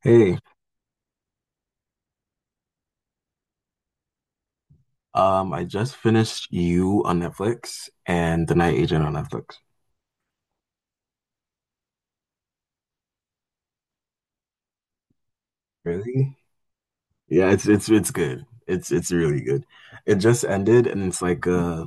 Hey, I just finished You on Netflix and The Night Agent on Netflix. Really? Yeah, it's good. It's really good. It just ended and it's like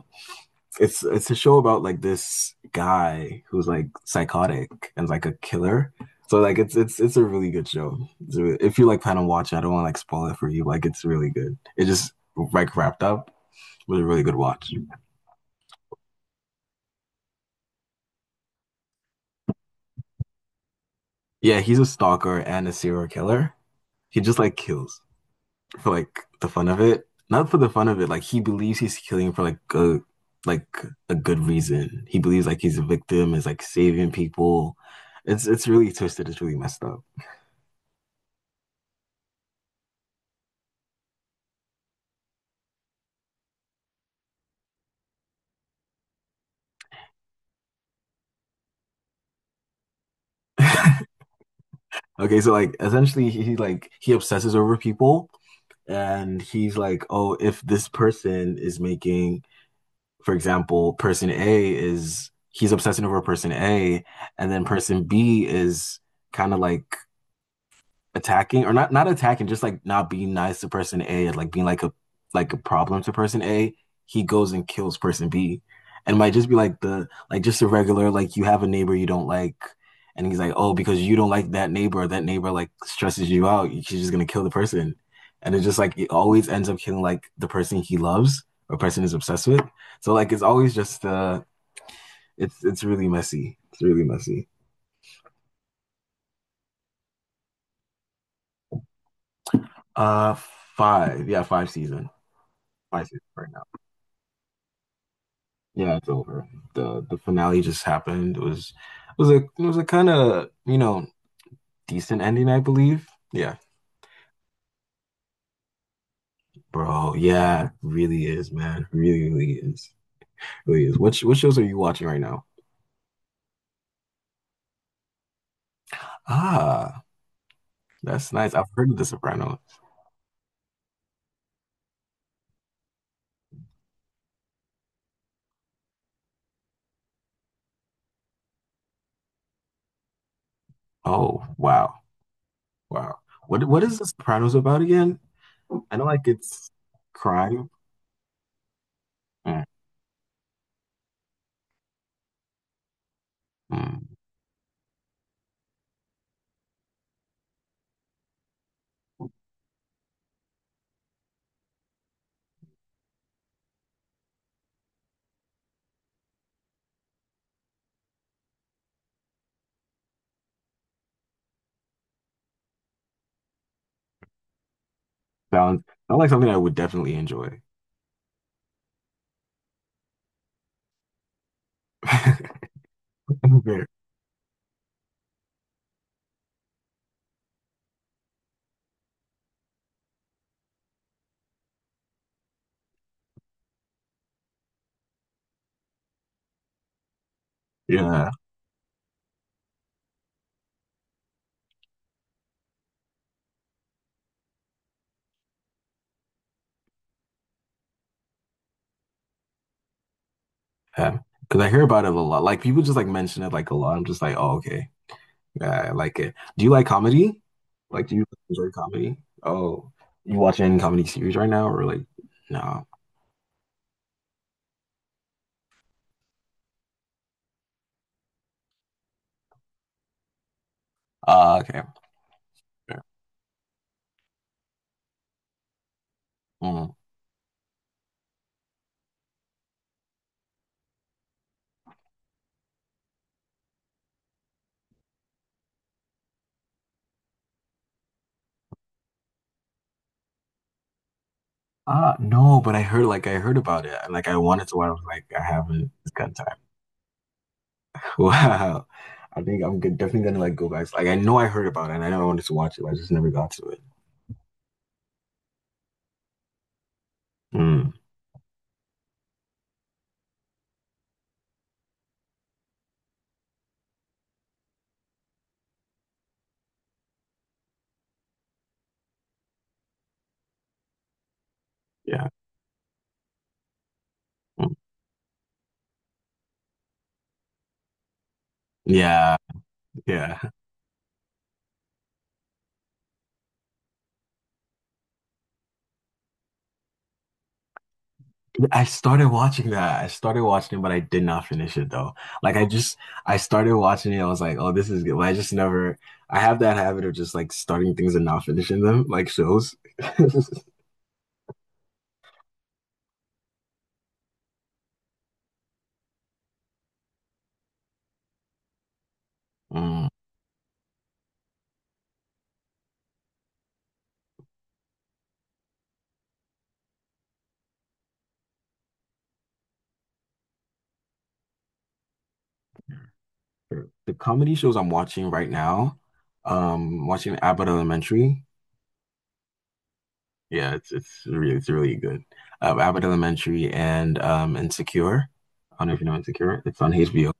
it's a show about like this guy who's like psychotic and like a killer. So like it's a really good show. It's really- if you like plan on watching, I don't want to like spoil it for you. Like it's really good. It just like wrapped up with a really good watch. Yeah, he's a stalker and a serial killer. He just like kills for like the fun of it. Not for the fun of it. Like he believes he's killing for like a good reason. He believes like he's a victim, is like saving people. It's really twisted. It's really messed up. Okay, so like essentially like he obsesses over people and he's like, "Oh, if this person is making for example, person A is he's obsessing over person A, and then person B is kind of like attacking or not attacking, just like not being nice to person A, or like being like a problem to person A, he goes and kills person B." And it might just be like the like just a regular like you have a neighbor you don't like and he's like, oh, because you don't like that neighbor, that neighbor like stresses you out, she's just gonna kill the person. And it's just like it always ends up killing like the person he loves or person is obsessed with. So like it's always just it's really messy. It's really messy. Uh five. Yeah, five season. Five season right now. Yeah, it's over. The finale just happened. It was it was a kind of, you know, decent ending, I believe. Yeah. Bro, yeah, really is, man. Really, really is. Really is. What what shows are you watching right now? Ah, that's nice. I've heard of The Sopranos. Oh, wow. Wow. What is The Sopranos about again? I know like it's crime. Mm, mm. Sounds sounds like something I would definitely enjoy. Yeah. Yeah. Because I hear about it a lot. Like people just like mention it like a lot. I'm just like, oh, okay. Yeah, I like it. Do you like comedy? Like, do you enjoy comedy? Oh, you watch any comedy series right now or like no? Ah, okay. Yeah. Mm. Ah, no, but I heard like I heard about it and like I wanted to watch. I was like, I haven't got time. Wow. I think I'm good, definitely gonna like go back. Like I know I heard about it and I know I wanted to watch it, but I just never got to it. Mm. Yeah. Mm. Yeah. Yeah. I started watching that. I started watching it, but I did not finish it though. Like I just I started watching it. I was like, oh, this is good. But I just never I have that habit of just like starting things and not finishing them, like shows. Mm. The comedy shows I'm watching right now, watching Abbott Elementary. Yeah, it's really it's really good. Abbott Elementary and Insecure. I don't know if you know Insecure. It's on HBO.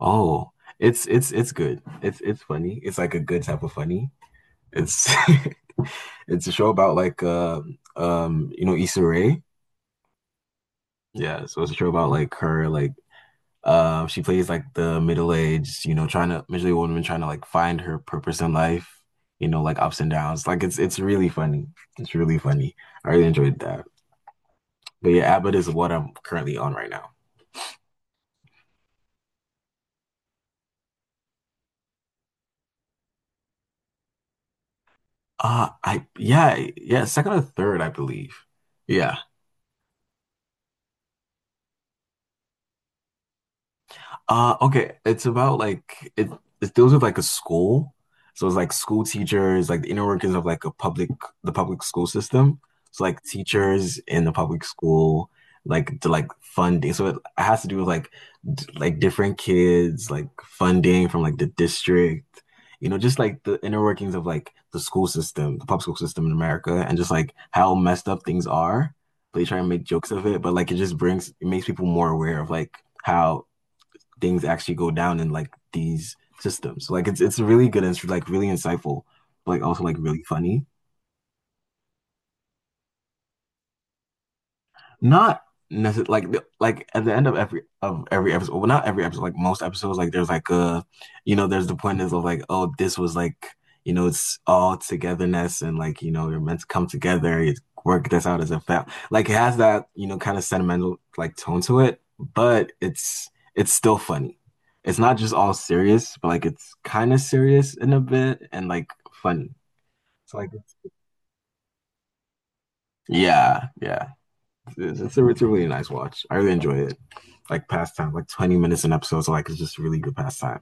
Oh, it's good. It's funny. It's like a good type of funny. It's it's a show about like you know Issa Rae. Yeah, so it's a show about like her like she plays like the middle aged, you know, trying to middle aged woman trying to like find her purpose in life. You know, like ups and downs. Like it's really funny. It's really funny. I really enjoyed that. But yeah, Abbott is what I'm currently on right now. I yeah yeah second or third I believe. Yeah. Okay, it's about like it deals with like a school. So it's like school teachers, like the inner workings of like a public the public school system. So like teachers in the public school, like to like funding. So it has to do with like d like different kids, like funding from like the district, you know, just like the inner workings of like the school system, the public school system in America, and just like how messed up things are. They try and make jokes of it, but like it just brings it makes people more aware of like how things actually go down in like these systems. Like it's really good and it's like really insightful, but like also like really funny. Not necessarily like at the end of every episode, well, not every episode, like most episodes, like there's like a, you know, there's the point is of like, oh, this was like, you know, it's all togetherness and like, you know, you're meant to come together, you work this out as a family. Like it has that, you know, kind of sentimental like tone to it, but it's still funny. It's not just all serious, but like it's kind of serious in a bit and like funny. It's like, it's, yeah, yeah. It's a really nice watch. I really enjoy it. Like pastime, like 20 minutes an episode, so like it's just really good pastime.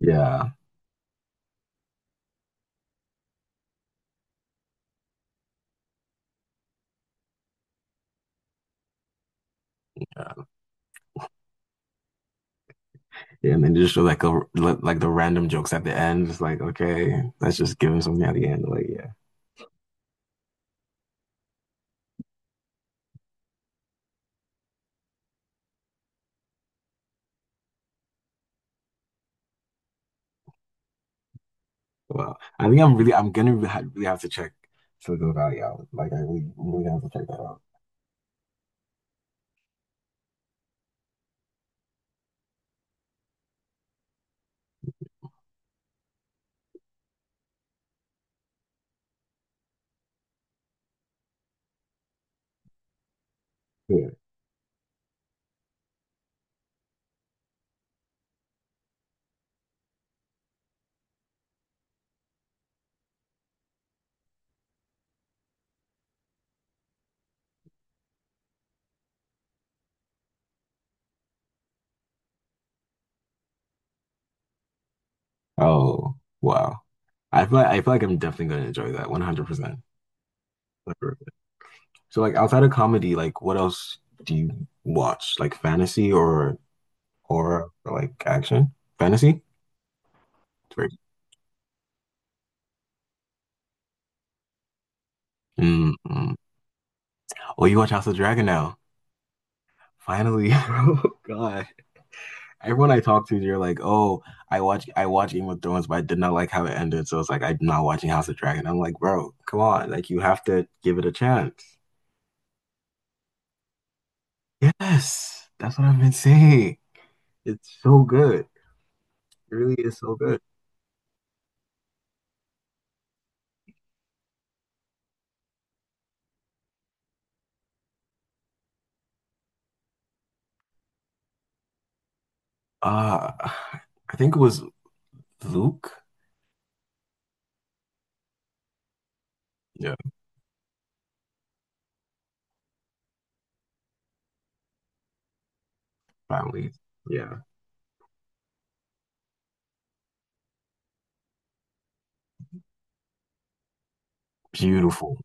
Yeah. Yeah. Yeah. And then just show like a, like the random jokes at the end. It's like, okay, let's just give him something at the end. Like, yeah. Well, I think I'm really, I'm gonna really really have to check Silicon Valley out. Like, I really, really have to check that out. Yeah. Oh, wow. I feel like I'm definitely gonna enjoy that 100%. So like outside of comedy, like what else do you watch? Like fantasy or horror or like action? Fantasy? Sorry. Mm, mm. Oh, you watch House of Dragon now. Finally. Oh God. Everyone I talk to, they're like, oh, I watch Game of Thrones, but I did not like how it ended. So it's like I'm not watching House of Dragon. I'm like, bro, come on. Like you have to give it a chance. Yes. That's what I've been saying. It's so good. It really is so good. Uh, I think it was Luke. Yeah. Families. Yeah. Beautiful.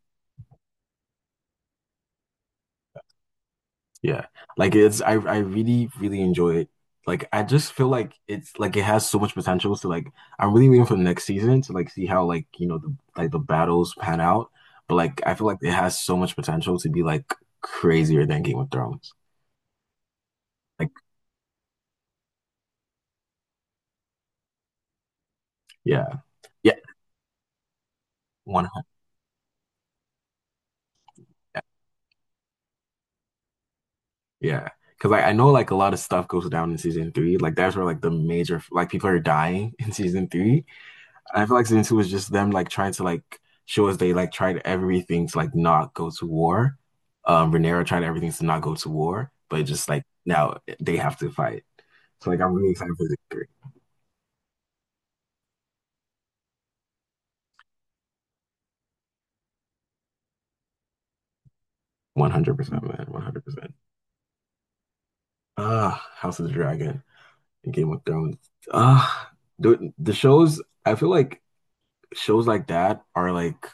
Yeah. Like it's I really, really enjoy it. Like I just feel like it's like it has so much potential. So like I'm really waiting for the next season to like see how like you know the like the battles pan out. But like I feel like it has so much potential to be like crazier than Game of Thrones. Like yeah. Yeah. 100. Yeah. Cause like I know like a lot of stuff goes down in season three. Like that's where like the major like people are dying in season three. I feel like season two was just them like trying to like show us they like tried everything to like not go to war. Rhaenyra tried everything to not go to war, but just like now they have to fight. So like I'm really excited for the three. 100%, man. 100%. Ah, House of the Dragon and Game of Thrones. Ah, the shows. I feel like shows like that are like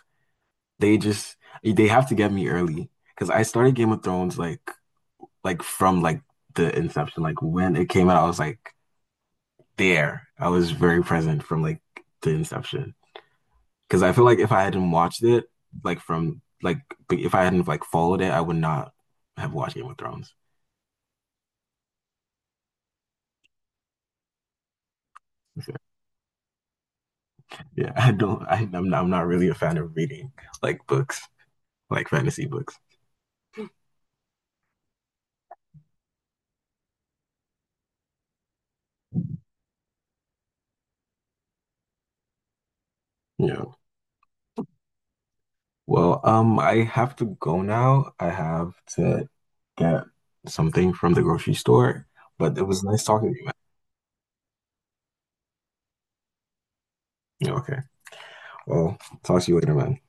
they just they have to get me early because I started Game of Thrones like from like the inception, like when it came out, I was like there. I was very present from like the inception because I feel like if I hadn't watched it, like from like if I hadn't like followed it, I would not have watched Game of Thrones. So, yeah, I don't. Am not, I'm not really a fan of reading like books, like fantasy books. Yeah. Well, I have to go now. I have to get something from the grocery store. But it was nice talking to you, man. Yeah, okay. Well, talk to you later, man.